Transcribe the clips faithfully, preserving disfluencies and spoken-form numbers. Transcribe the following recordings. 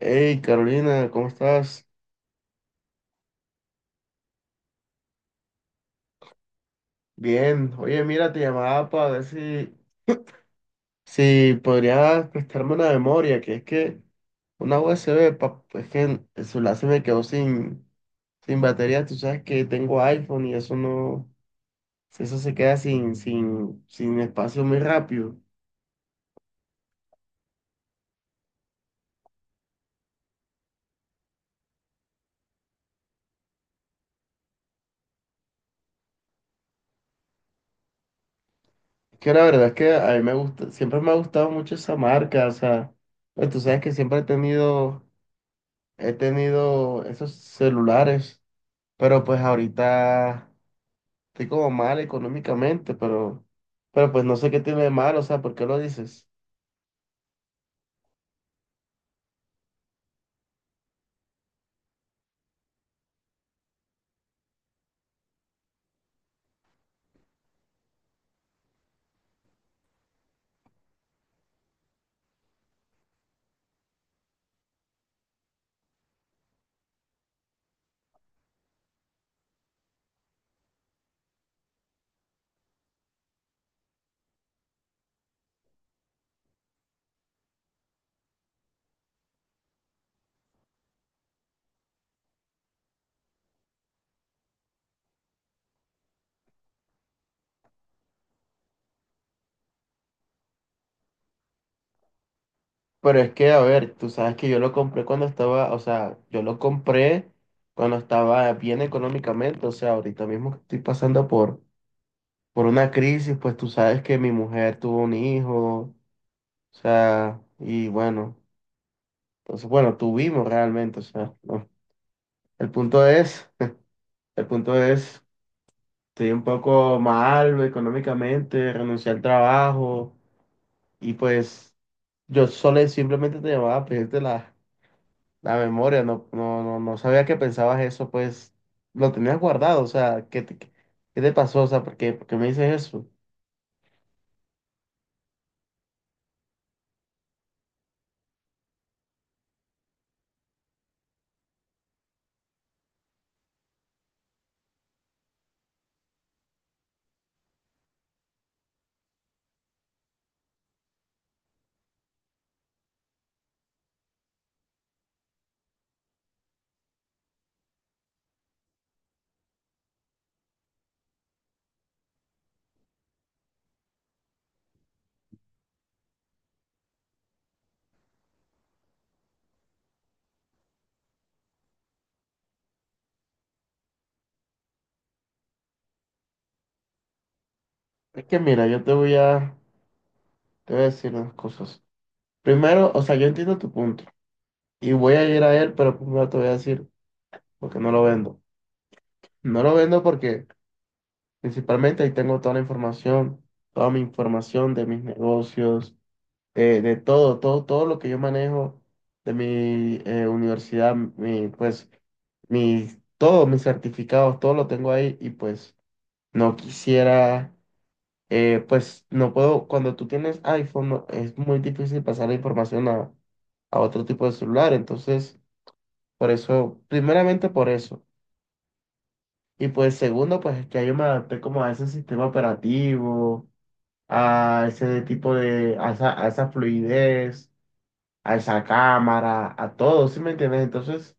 Hey Carolina, ¿cómo estás? Bien. Oye, mira, te llamaba para ver si, si podrías prestarme una memoria, que es que una U S B, pa- es que el el celular se me quedó sin, sin batería. Tú sabes que tengo iPhone y eso no, eso se queda sin, sin, sin espacio muy rápido. Es que la verdad es que a mí me gusta, siempre me ha gustado mucho esa marca, o sea, pues tú sabes que siempre he tenido, he tenido esos celulares, pero pues ahorita estoy como mal económicamente, pero, pero pues no sé qué tiene de malo, o sea, ¿por qué lo dices? Pero es que, a ver, tú sabes que yo lo compré cuando estaba, o sea, yo lo compré cuando estaba bien económicamente, o sea, ahorita mismo que estoy pasando por, por una crisis, pues tú sabes que mi mujer tuvo un hijo, o sea, y bueno, entonces, bueno, tuvimos realmente, o sea, no. El punto es, el punto es, estoy un poco mal económicamente, renuncié al trabajo y pues yo solo simplemente te llamaba a pedirte la, la memoria, no, no, no, no sabía que pensabas eso, pues lo tenías guardado, o sea, ¿qué te, ¿qué te pasó? O sea, ¿por qué, ¿por qué me dices eso? Es que mira, yo te voy a, te voy a decir unas cosas. Primero, o sea, yo entiendo tu punto y voy a ir a él, pero primero te voy a decir porque no lo vendo. No lo vendo porque principalmente ahí tengo toda la información, toda mi información de mis negocios, eh, de todo, todo, todo lo que yo manejo de mi, eh, universidad, mi, pues, mis, todos mis certificados, todo lo tengo ahí y pues no quisiera, eh, pues no puedo, cuando tú tienes iPhone no- es muy difícil pasar la información a, a otro tipo de celular, entonces, por eso, primeramente por eso. Y pues segundo, pues es que yo me adapté como a ese sistema operativo, a ese tipo de, a esa, a esa fluidez, a esa cámara, a todo, ¿sí me entiendes? Entonces,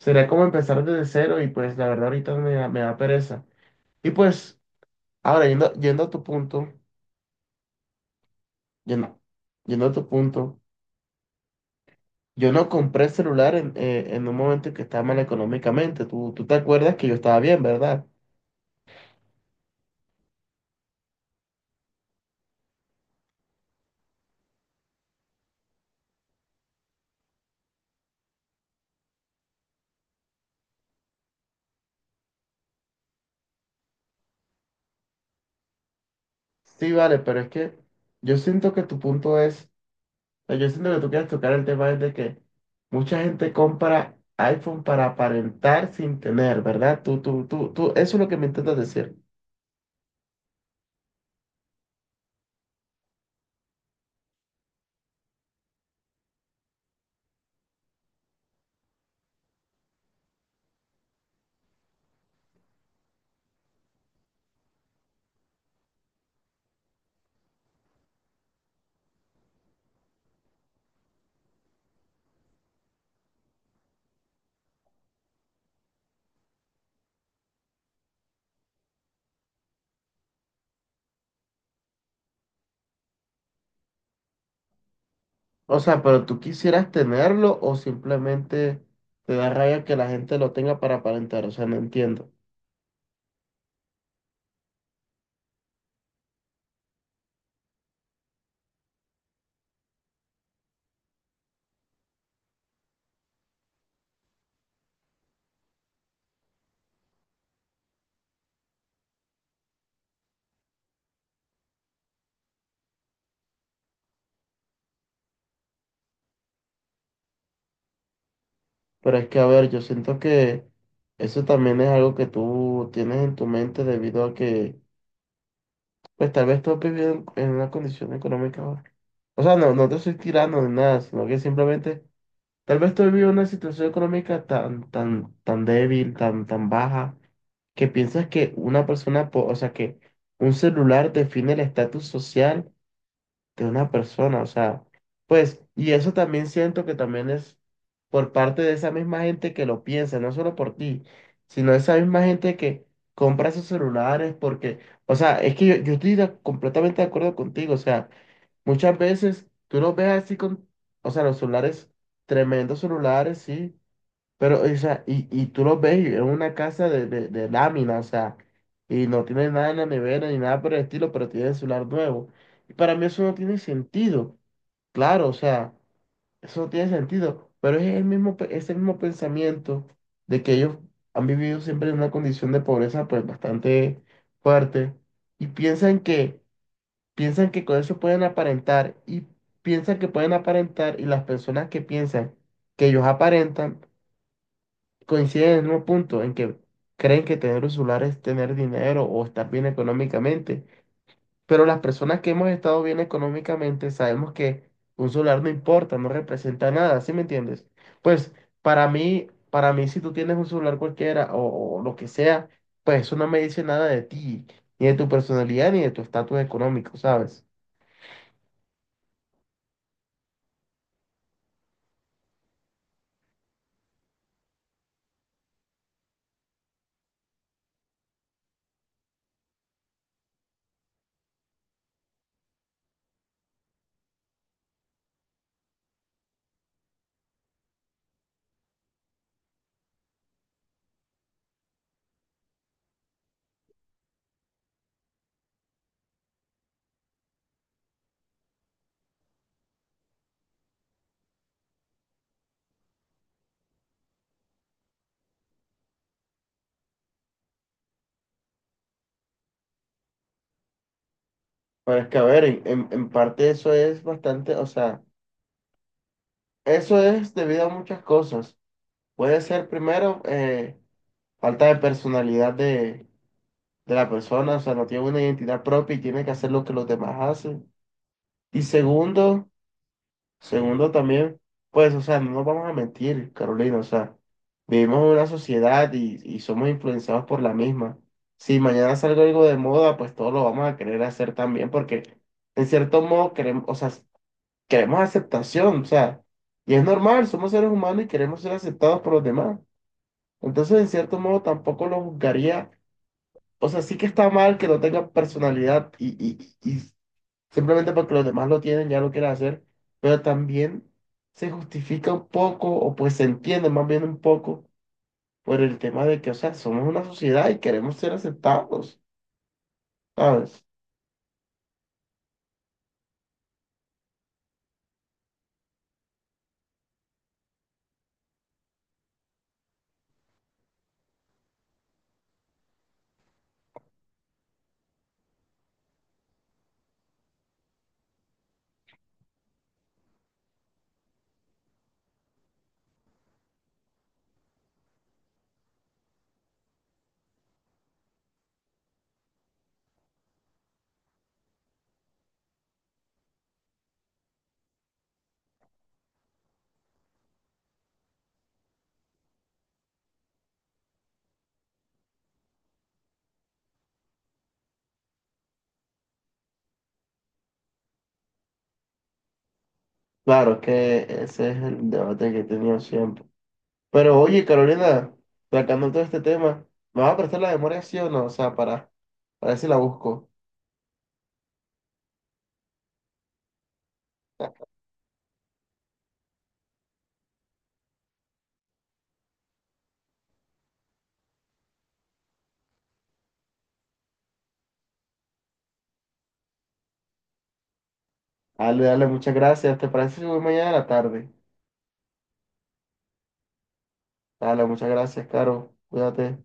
sería como empezar desde cero y pues la verdad ahorita me, da- me da pereza. Y pues, ahora yendo, yendo a tu punto, yendo, yendo a tu punto, yo no compré celular en, eh, en un momento en que estaba mal económicamente. Tú, tú te acuerdas que yo estaba bien, ¿verdad? Sí, vale, pero es que yo siento que tu punto es, o sea, yo siento que tú quieres tocar el tema es de que mucha gente compra iPhone para aparentar sin tener, ¿verdad? Tú, tú, tú, tú, eso es lo que me intentas decir. O sea, pero tú quisieras tenerlo o simplemente te da rabia que la gente lo tenga para aparentar. O sea, no entiendo. Pero es que, a ver, yo siento que eso también es algo que tú tienes en tu mente debido a que, pues tal vez tú viviendo en en una condición económica ahora. O sea, no, no te estoy tirando ni nada, sino que simplemente tal vez tú viviendo una situación económica tan, tan, tan débil, tan, tan baja, que piensas que una persona, po- o sea, que un celular define el estatus social de una persona, o sea, pues, y eso también siento que también es por parte de esa misma gente que lo piensa, no solo por ti, sino esa misma gente que compra esos celulares porque, o sea, es que yo, yo estoy de- completamente de acuerdo contigo, o sea, muchas veces tú los ves así con, o sea, los celulares, tremendos celulares, sí, pero, o sea, y, y tú lo ves, y es una casa de, de, de lámina, o sea, y no tiene nada en la nevera ni nada por el estilo, pero tiene el celular nuevo. Y para mí eso no tiene sentido, claro, o sea, eso no tiene sentido, pero es el mismo, pe- es el mismo pensamiento de que ellos han vivido siempre en una condición de pobreza pues bastante fuerte y piensan que, piensan que con eso pueden aparentar y piensan que pueden aparentar y las personas que piensan que ellos aparentan coinciden en el mismo punto en que creen que tener un celular es tener dinero o estar bien económicamente, pero las personas que hemos estado bien económicamente sabemos que un celular no importa, no representa nada, ¿sí me entiendes? Pues para mí, para mí si tú tienes un celular cualquiera o, o lo que sea, pues eso no me dice nada de ti, ni de tu personalidad, ni de tu estatus económico, ¿sabes? Pero es que, a ver, en, en en parte eso es bastante, o sea, eso es debido a muchas cosas. Puede ser primero, eh, falta de personalidad de, de la persona, o sea, no tiene una identidad propia y tiene que hacer lo que los demás hacen. Y segundo, segundo también, pues, o sea, no nos vamos a mentir, Carolina, o sea, vivimos en una sociedad y, y somos influenciados por la misma. Si mañana sale algo de moda, pues todos lo vamos a querer hacer también, porque en cierto modo queremos, o sea, queremos aceptación, o sea, y es normal, somos seres humanos y queremos ser aceptados por los demás. Entonces, en cierto modo, tampoco lo juzgaría. O sea, sí que está mal que no tenga personalidad y, y- y simplemente porque los demás lo tienen ya lo quiere hacer, pero también se justifica un poco, o pues se entiende más bien un poco, por el tema de que, o sea, somos una sociedad y queremos ser aceptados, ¿sabes? Claro que ese es el debate que he tenido siempre. Pero oye, Carolina, sacando todo este tema, ¿me vas a prestar la memoria sí o no? O sea, para, para ver si la busco. Dale, dale, muchas gracias. ¿Te parece si voy mañana a la tarde? Dale, muchas gracias, Caro. Cuídate.